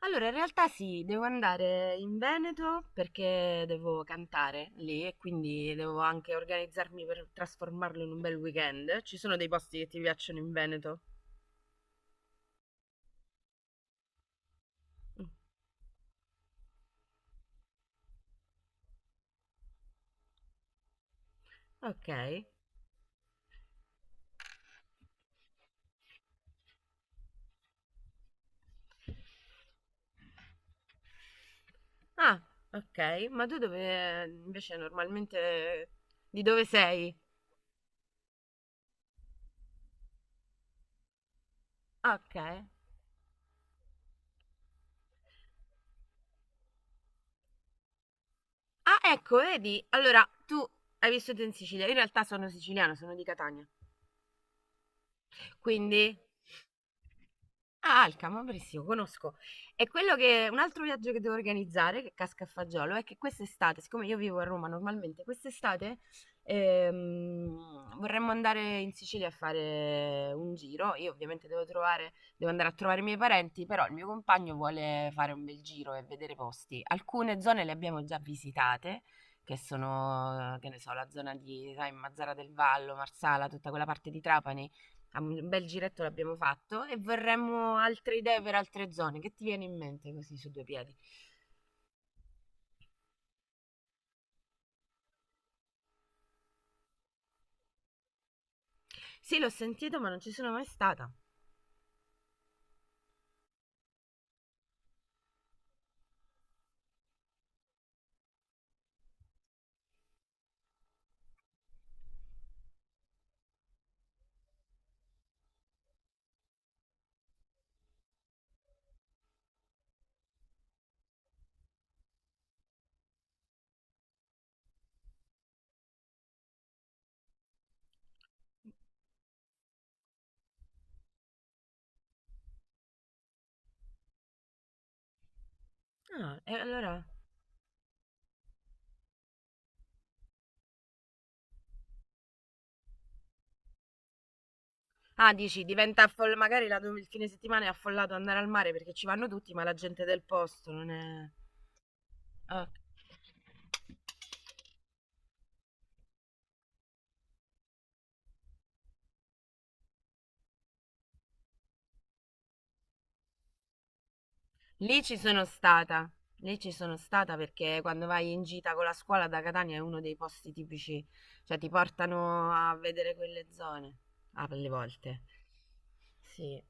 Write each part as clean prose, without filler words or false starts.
Allora, in realtà sì, devo andare in Veneto perché devo cantare lì e quindi devo anche organizzarmi per trasformarlo in un bel weekend. Ci sono dei posti che ti piacciono in Veneto? Mm, ok. Ah, ok. Ma tu dove invece normalmente di dove sei? Ok. Ah, ecco, vedi? Allora, tu hai vissuto in Sicilia. Io in realtà sono siciliana, sono di Catania. Quindi? Ah, Alcamo, benissimo, conosco. E quello che un altro viaggio che devo organizzare, che casca a fagiolo, è che quest'estate, siccome io vivo a Roma normalmente, quest'estate vorremmo andare in Sicilia a fare un giro. Io ovviamente devo trovare, devo andare a trovare i miei parenti, però il mio compagno vuole fare un bel giro e vedere posti. Alcune zone le abbiamo già visitate, che sono, che ne so, la zona di, sai, Mazzara del Vallo, Marsala, tutta quella parte di Trapani. Ah, un bel giretto l'abbiamo fatto e vorremmo altre idee per altre zone. Che ti viene in mente così su due piedi? Sì, l'ho sentito, ma non ci sono mai stata. Ah, e allora. Ah, dici, diventa affoll- magari la- il fine settimana è affollato andare al mare perché ci vanno tutti, ma la gente del posto non è. Ah. Lì ci sono stata, lì ci sono stata perché quando vai in gita con la scuola da Catania è uno dei posti tipici, cioè ti portano a vedere quelle zone, alle volte. Sì,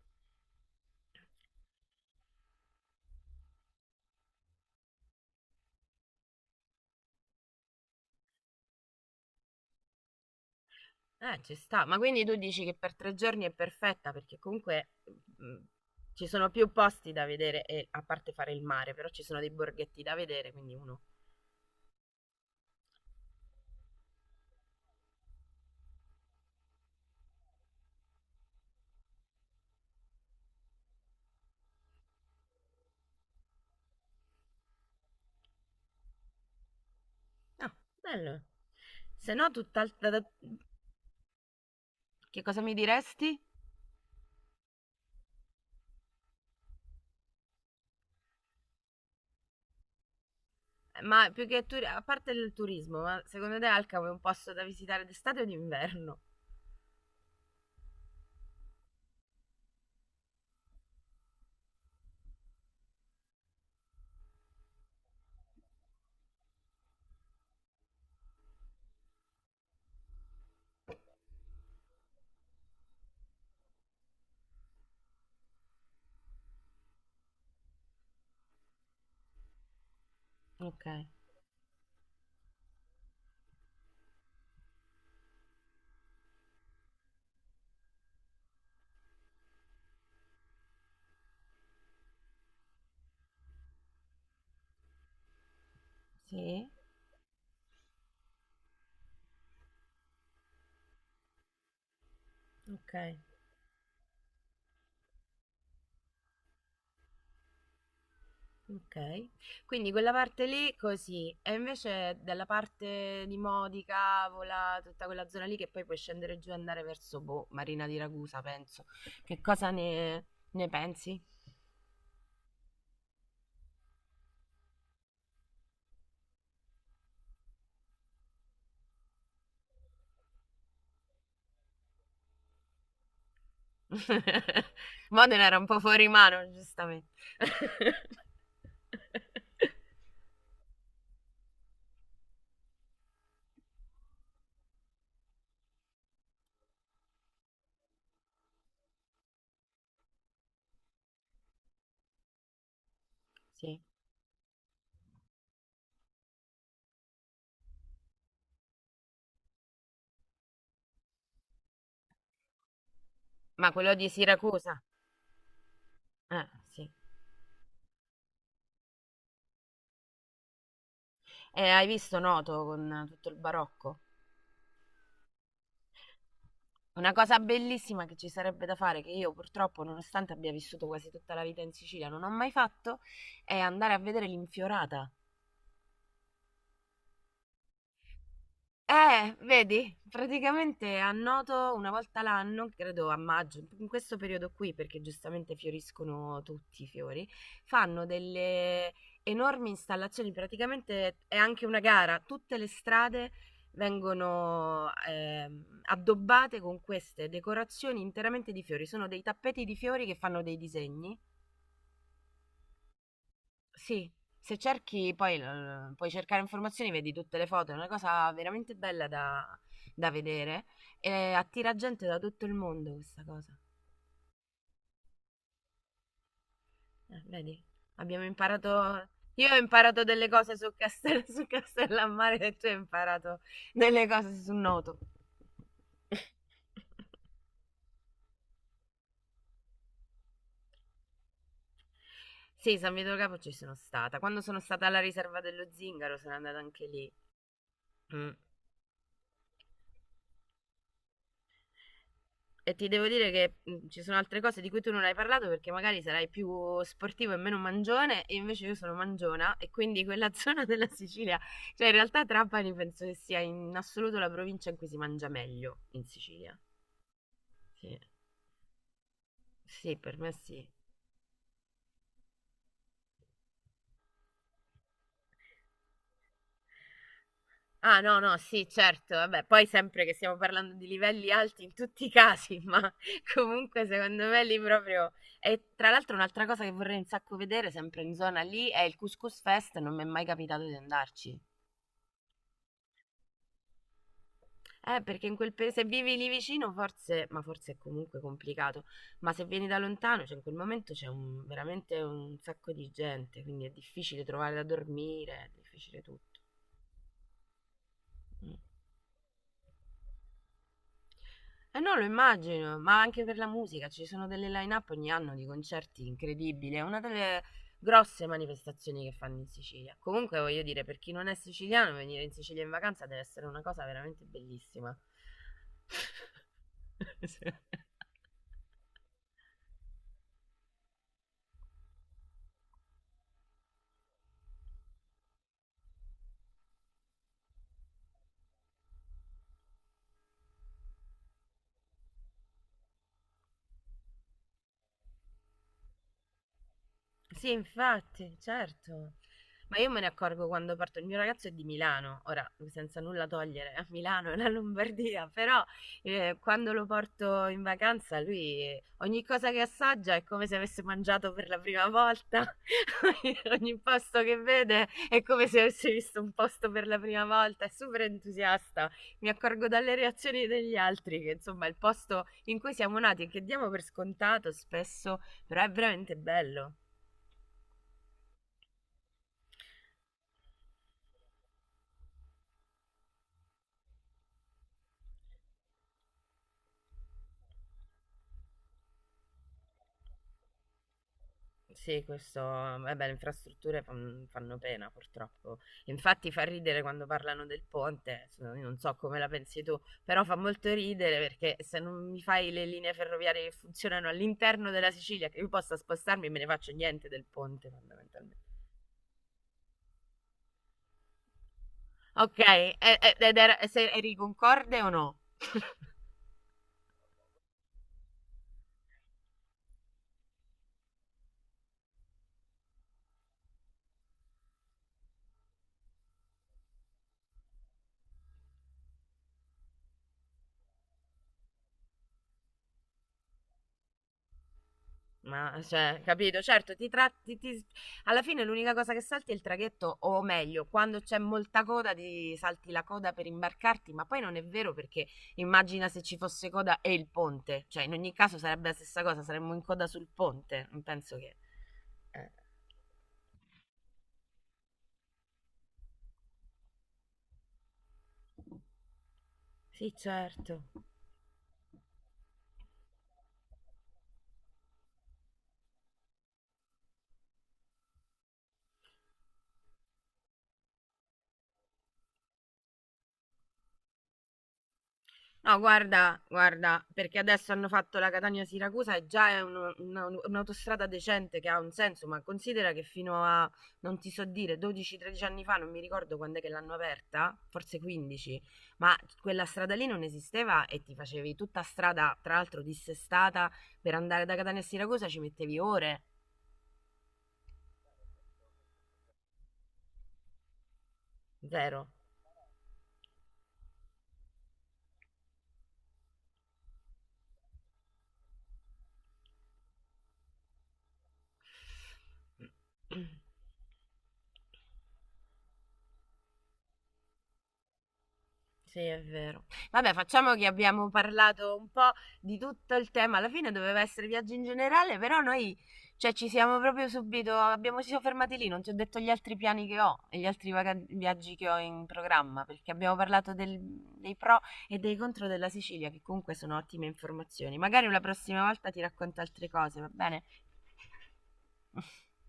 ci sta. Ma quindi tu dici che per tre giorni è perfetta perché comunque mh, ci sono più posti da vedere, e, a parte fare il mare, però ci sono dei borghetti da vedere, quindi uno... Ah, bello. Se no, tutt'altra... Che cosa mi diresti? Ma più che turi- a parte il turismo, ma secondo te Alcamo è un posto da visitare d'estate o d'inverno? Ok. Sì. Ok, ok. Quindi quella parte lì così, e invece dalla parte di Modi, Cavola, tutta quella zona lì che poi puoi scendere giù e andare verso boh, Marina di Ragusa, penso. Che cosa ne, ne pensi? Modena era un po' fuori mano, giustamente. Sì, ma quello di Siracusa? Ah, sì. Hai visto Noto con tutto il barocco? Una cosa bellissima che ci sarebbe da fare, che io purtroppo, nonostante abbia vissuto quasi tutta la vita in Sicilia, non ho mai fatto, è andare a vedere l'infiorata. Vedi? Praticamente annoto una volta l'anno, credo a maggio, in questo periodo qui, perché giustamente fioriscono tutti i fiori, fanno delle enormi installazioni, praticamente è anche una gara, tutte le strade vengono addobbate con queste decorazioni interamente di fiori, sono dei tappeti di fiori che fanno dei disegni, sì, se cerchi poi l- puoi cercare informazioni, vedi tutte le foto, è una cosa veramente bella da, da vedere e attira gente da tutto il mondo questa cosa. Vedi, abbiamo imparato, io ho imparato delle cose su, Castel, su Castellammare e tu hai imparato delle cose su Noto. Sì, San Vito del Capo ci sono stata. Quando sono stata alla riserva dello Zingaro sono andata anche lì. Mm. E ti devo dire che ci sono altre cose di cui tu non hai parlato perché magari sarai più sportivo e meno mangione, e invece io sono mangiona e quindi quella zona della Sicilia, cioè in realtà Trapani penso che sia in assoluto la provincia in cui si mangia meglio in Sicilia. Sì, sì, per me sì. Ah no, no, sì, certo, vabbè, poi sempre che stiamo parlando di livelli alti in tutti i casi, ma comunque secondo me lì proprio... E tra l'altro un'altra cosa che vorrei un sacco vedere, sempre in zona lì, è il Couscous Fest, non mi è mai capitato di andarci. Perché in quel paese, se vivi lì vicino, forse, ma forse è comunque complicato, ma se vieni da lontano, cioè in quel momento c'è un- veramente un sacco di gente, quindi è difficile trovare da dormire, è difficile tutto. Mm. Eh no, lo immagino, ma anche per la musica, ci sono delle line-up ogni anno di concerti incredibili, è una delle grosse manifestazioni che fanno in Sicilia. Comunque voglio dire, per chi non è siciliano, venire in Sicilia in vacanza deve essere una cosa veramente bellissima. Sì, infatti, certo. Ma io me ne accorgo quando parto. Il mio ragazzo è di Milano, ora senza nulla togliere a Milano e la Lombardia, però quando lo porto in vacanza, lui ogni cosa che assaggia è come se avesse mangiato per la prima volta. Ogni posto che vede è come se avesse visto un posto per la prima volta. È super entusiasta. Mi accorgo dalle reazioni degli altri che insomma il posto in cui siamo nati e che diamo per scontato spesso, però è veramente bello. Sì, questo, vabbè, le infrastrutture fan- fanno pena purtroppo. Infatti fa ridere quando parlano del ponte, s- io non so come la pensi tu, però fa molto ridere perché se non mi fai le linee ferroviarie che funzionano all'interno della Sicilia, che io possa spostarmi, me ne faccio niente del ponte fondamentalmente. Ok, e- ed era- se- eri concorde o no? Ma, cioè, capito? Certo, ti tratti, ti- alla fine l'unica cosa che salti è il traghetto, o meglio, quando c'è molta coda ti salti la coda per imbarcarti, ma poi non è vero perché immagina se ci fosse coda e il ponte, cioè in ogni caso sarebbe la stessa cosa, saremmo in coda sul ponte, non penso che... eh. Sì, certo. No, guarda, guarda, perché adesso hanno fatto la Catania-Siracusa e già è uno- una- un'autostrada decente che ha un senso, ma considera che fino a, non ti so dire, 12-13 anni fa, non mi ricordo quando è che l'hanno aperta, forse 15, ma quella strada lì non esisteva e ti facevi tutta strada, tra l'altro dissestata, per andare da Catania a Siracusa ci mettevi ore, zero. Sì, è vero. Vabbè, facciamo che abbiamo parlato un po' di tutto il tema. Alla fine doveva essere viaggio in generale, però noi, cioè, ci siamo proprio subito, abbiamo, ci siamo fermati lì, non ti ho detto gli altri piani che ho e gli altri vaga- viaggi che ho in programma, perché abbiamo parlato del- dei pro e dei contro della Sicilia, che comunque sono ottime informazioni. Magari la prossima volta ti racconto altre cose, va bene?